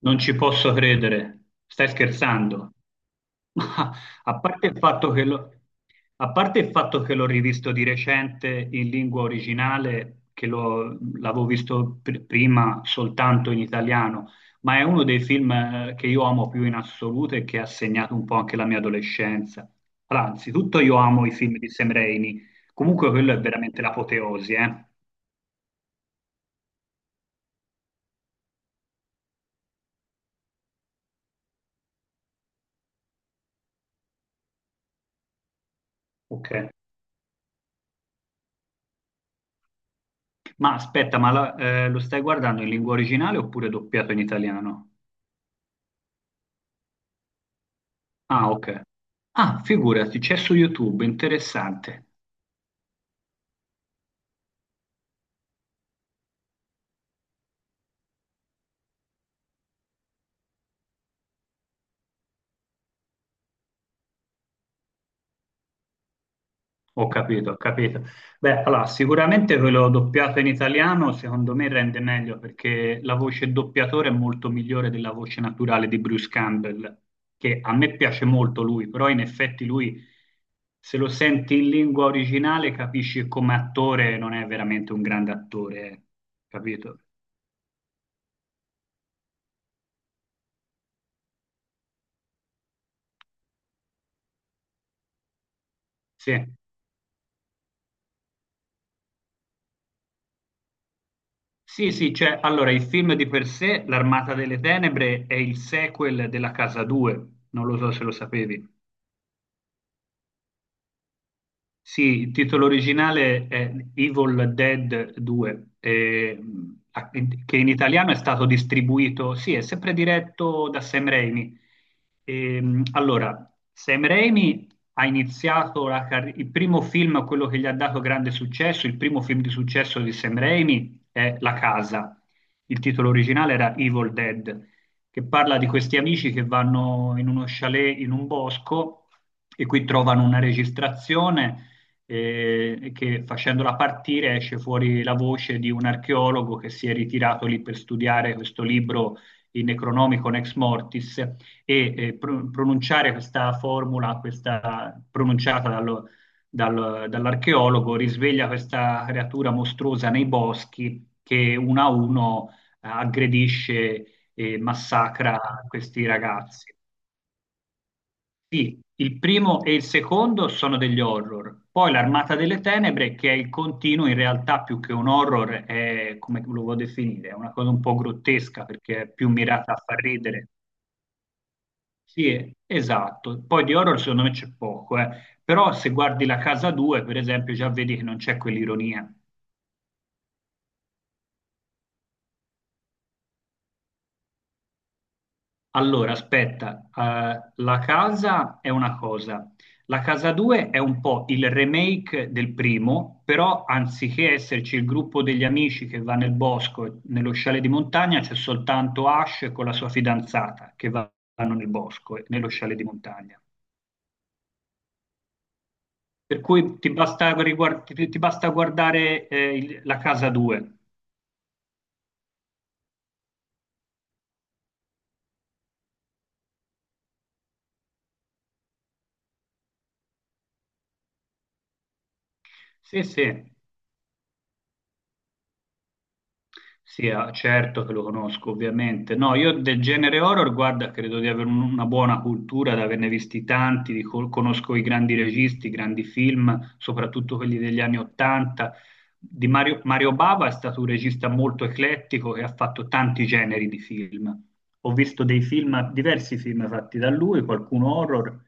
Non ci posso credere, stai scherzando. Ma a parte il fatto che l'ho a parte il fatto che l'ho rivisto di recente in lingua originale, che l'avevo visto prima soltanto in italiano, ma è uno dei film che io amo più in assoluto e che ha segnato un po' anche la mia adolescenza. Allora, anzitutto io amo i film di Sam Raimi, comunque quello è veramente l'apoteosi, eh? Ok. Ma aspetta, ma lo stai guardando in lingua originale oppure doppiato in italiano? Ah, ok. Ah, figurati, c'è su YouTube, interessante. Ho capito, ho capito. Beh, allora, sicuramente quello doppiato in italiano secondo me rende meglio perché la voce doppiatore è molto migliore della voce naturale di Bruce Campbell, che a me piace molto lui, però in effetti lui, se lo senti in lingua originale, capisci che come attore non è veramente un grande attore, capito? Sì. Sì, sì, cioè, allora il film di per sé, L'Armata delle Tenebre, è il sequel della Casa 2, non lo so se lo sapevi. Sì, il titolo originale è Evil Dead 2, che in italiano è stato distribuito, sì, è sempre diretto da Sam Raimi. Allora, Sam Raimi ha iniziato il primo film, quello che gli ha dato grande successo, il primo film di successo di Sam Raimi è La Casa. Il titolo originale era Evil Dead, che parla di questi amici che vanno in uno chalet in un bosco e qui trovano una registrazione che facendola partire esce fuori la voce di un archeologo che si è ritirato lì per studiare questo libro, il Necronomicon ex mortis, e pronunciare questa formula, questa pronunciata dall'archeologo, risveglia questa creatura mostruosa nei boschi che uno a uno aggredisce e massacra questi ragazzi. Sì, il primo e il secondo sono degli horror, poi l'Armata delle Tenebre, che è il continuo, in realtà più che un horror, è come lo vuoi definire, è una cosa un po' grottesca perché è più mirata a far ridere. Sì, esatto. Poi di horror secondo me c'è poco, eh. Però se guardi La Casa 2, per esempio, già vedi che non c'è quell'ironia. Allora, aspetta, la casa è una cosa, la casa 2 è un po' il remake del primo, però anziché esserci il gruppo degli amici che va nel bosco, e nello scialle di montagna, c'è soltanto Ash con la sua fidanzata che vanno nel bosco, e nello scialle di montagna. Per cui ti basta, ti basta guardare la casa 2. Sì, sì, sì, ah, certo che lo conosco, ovviamente. No, io del genere horror, guarda, credo di avere una buona cultura, di averne visti tanti, conosco i grandi registi, i grandi film, soprattutto quelli degli anni Ottanta. Di Mario, Mario Bava è stato un regista molto eclettico e ha fatto tanti generi di film. Ho visto dei film, diversi film fatti da lui, qualcuno horror.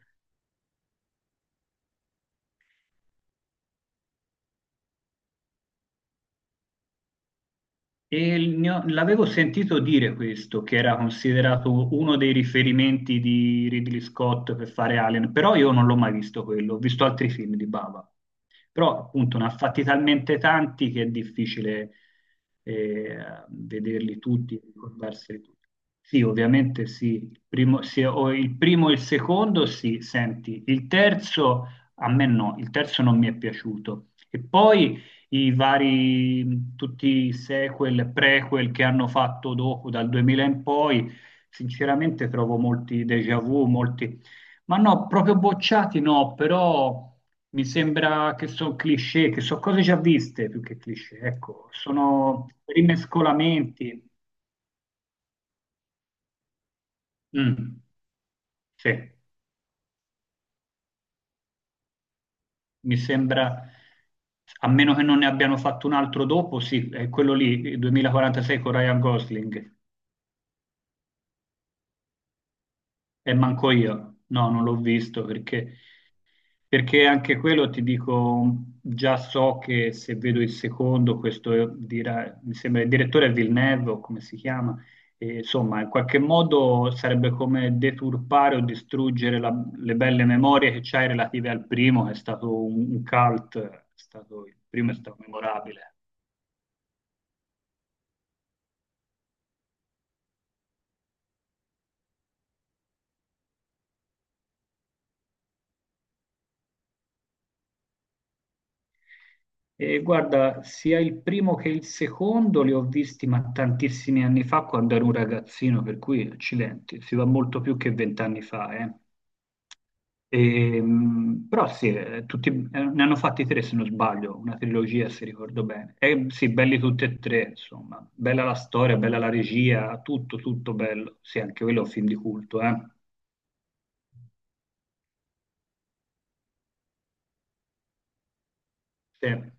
E l'avevo sentito dire questo, che era considerato uno dei riferimenti di Ridley Scott per fare Alien, però io non l'ho mai visto quello, ho visto altri film di Baba però appunto ne ha fatti talmente tanti che è difficile eh, vederli tutti, ricordarseli tutti. Sì, ovviamente sì, il primo, se ho il primo e il secondo sì, senti, il terzo a me no, il terzo non mi è piaciuto. E poi i vari, tutti i sequel, prequel che hanno fatto dopo dal 2000 in poi, sinceramente trovo molti déjà vu, molti, ma no, proprio bocciati no, però mi sembra che sono cliché, che sono cose già viste più che cliché, ecco, sono rimescolamenti. Mm, sì, mi sembra, a meno che non ne abbiano fatto un altro dopo, sì, è quello lì, il 2046 con Ryan Gosling, e manco io, no, non l'ho visto perché perché anche quello ti dico, già so che se vedo il secondo, questo dirà, mi sembra il direttore è Villeneuve, o come si chiama, e, insomma, in qualche modo sarebbe come deturpare o distruggere le belle memorie che c'hai relative al primo, che è stato un cult, il primo è stato memorabile. E guarda, sia il primo che il secondo li ho visti ma tantissimi anni fa quando ero un ragazzino, per cui accidenti, si va molto più che vent'anni fa, eh. Però sì, tutti, ne hanno fatti tre se non sbaglio, una trilogia se ricordo bene. E sì, belli tutti e tre, insomma. Bella la storia, bella la regia, tutto, tutto bello. Sì, anche quello è un film di culto, eh. Sì.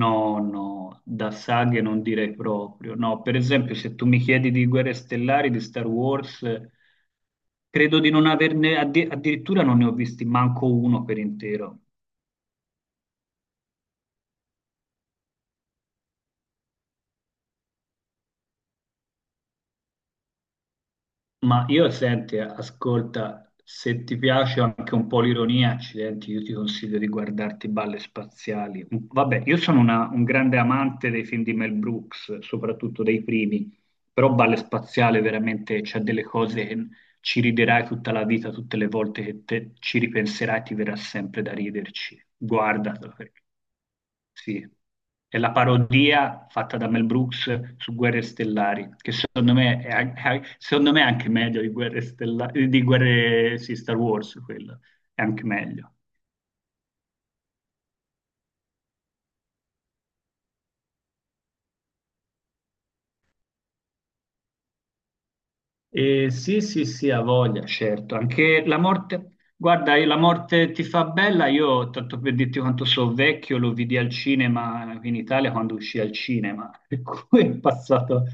No, no, da saghe non direi proprio. No, per esempio, se tu mi chiedi di Guerre Stellari, di Star Wars, credo di non averne, addirittura non ne ho visti manco uno per intero. Ma io senti, ascolta, se ti piace anche un po' l'ironia, accidenti, io ti consiglio di guardarti Balle Spaziali. Vabbè, io sono un grande amante dei film di Mel Brooks, soprattutto dei primi, però Balle Spaziale veramente c'ha delle cose che ci riderai tutta la vita, tutte le volte che ci ripenserai, ti verrà sempre da riderci. Guardatelo. Sì, è la parodia fatta da Mel Brooks su Guerre Stellari, che secondo me è, secondo me è anche meglio di Guerre Stellari, di Guerre, sì, Star Wars, quello è anche meglio. E sì, sì, sì, ha voglia, certo. Anche la morte, guarda, la morte ti fa bella, io tanto per dirti quanto so vecchio, lo vidi al cinema in Italia quando uscì al cinema, per cui è passato.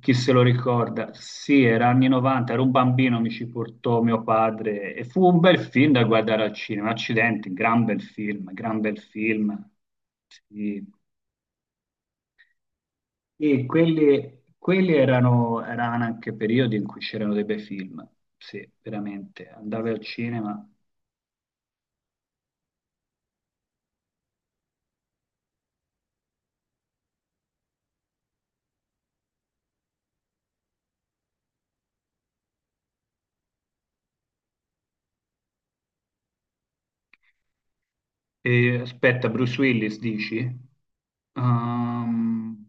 Chi se lo ricorda? Sì, era anni 90, ero un bambino, mi ci portò mio padre e fu un bel film da guardare al cinema. Accidenti, gran bel film, gran bel film. Sì. E quelli, quelli erano, erano anche periodi in cui c'erano dei bei film. Sì, veramente. Andavi al cinema e aspetta, Bruce Willis dici? Ehm,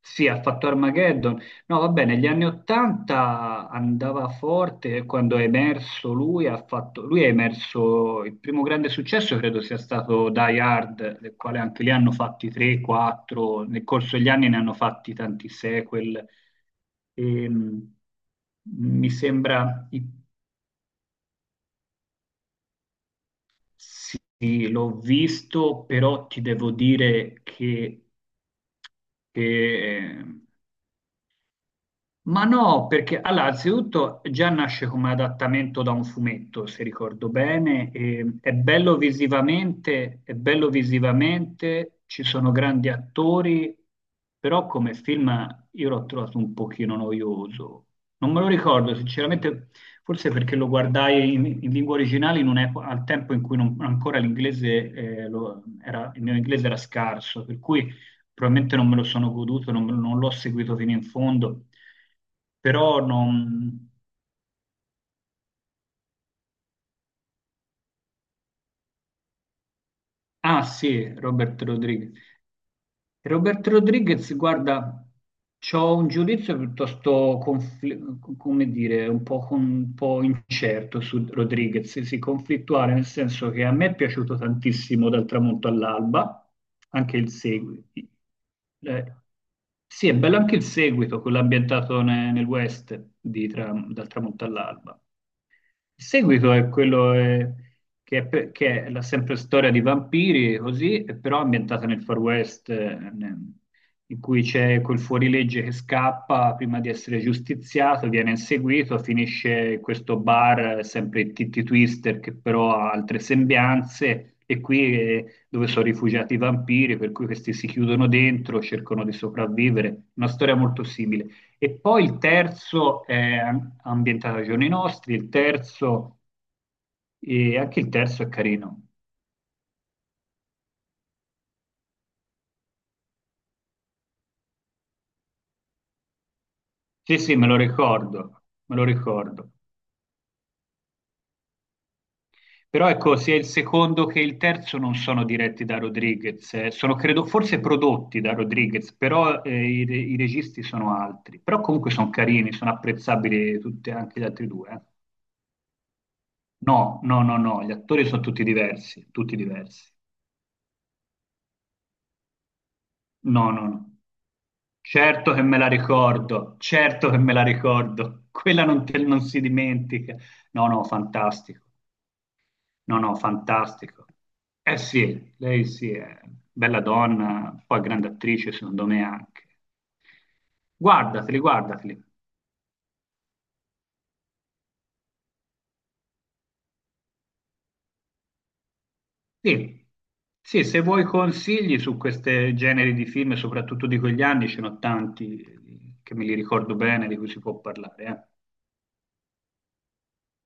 Sì, ha fatto Armageddon. No, va bene, negli anni Ottanta andava forte e quando è emerso lui, ha fatto, lui è emerso, il primo grande successo credo sia stato Die Hard, del quale anche lì hanno fatti 3, 4, nel corso degli anni ne hanno fatti tanti sequel. Ehm, Mi sembra, sì, l'ho visto, però ti devo dire che che ehm, ma no, perché allora, anzitutto già nasce come adattamento da un fumetto, se ricordo bene, e è bello visivamente, ci sono grandi attori, però come film io l'ho trovato un pochino noioso. Non me lo ricordo, sinceramente, forse perché lo guardai in lingua originale in al tempo in cui ancora l'inglese, era, il mio inglese era scarso, per cui probabilmente non me lo sono goduto, non l'ho seguito fino in fondo, però non... Ah sì, Robert Rodriguez. Robert Rodriguez, guarda, ho un giudizio piuttosto, come dire, un po', un po' incerto su Rodriguez, sì, sì, conflittuale, nel senso che a me è piaciuto tantissimo dal tramonto all'alba, anche il seguito. Eh, sì, è bello anche il seguito, quello ambientato nel, West di dal tramonto all'alba. Il seguito è quello che, è, che è la sempre storia di vampiri, così, e però ambientata nel Far West, in cui c'è quel fuorilegge che scappa prima di essere giustiziato, viene inseguito, finisce in questo bar, sempre il Titty Twister, che però ha altre sembianze, e qui dove sono rifugiati i vampiri, per cui questi si chiudono dentro, cercano di sopravvivere. Una storia molto simile. E poi il terzo è ambientato ai giorni nostri, il terzo, e anche il terzo è carino. Sì, sì, me lo ricordo, me lo ricordo. Però ecco, sia il secondo che il terzo non sono diretti da Rodriguez, sono credo forse prodotti da Rodriguez, però i, i registi sono altri. Però comunque sono carini, sono apprezzabili tutti, anche gli altri due, eh. No, no, no, no, gli attori sono tutti diversi, tutti diversi. No, no, no. Certo che me la ricordo, certo che me la ricordo. Quella non, non si dimentica. No, no, fantastico. No, no, fantastico. Eh sì, lei sì, è bella donna, poi grande attrice secondo me anche. Guardateli, guardateli. Sì, sì, se vuoi consigli su questi generi di film, soprattutto di quegli anni, ce ne ho tanti che me li ricordo bene, di cui si può parlare, eh.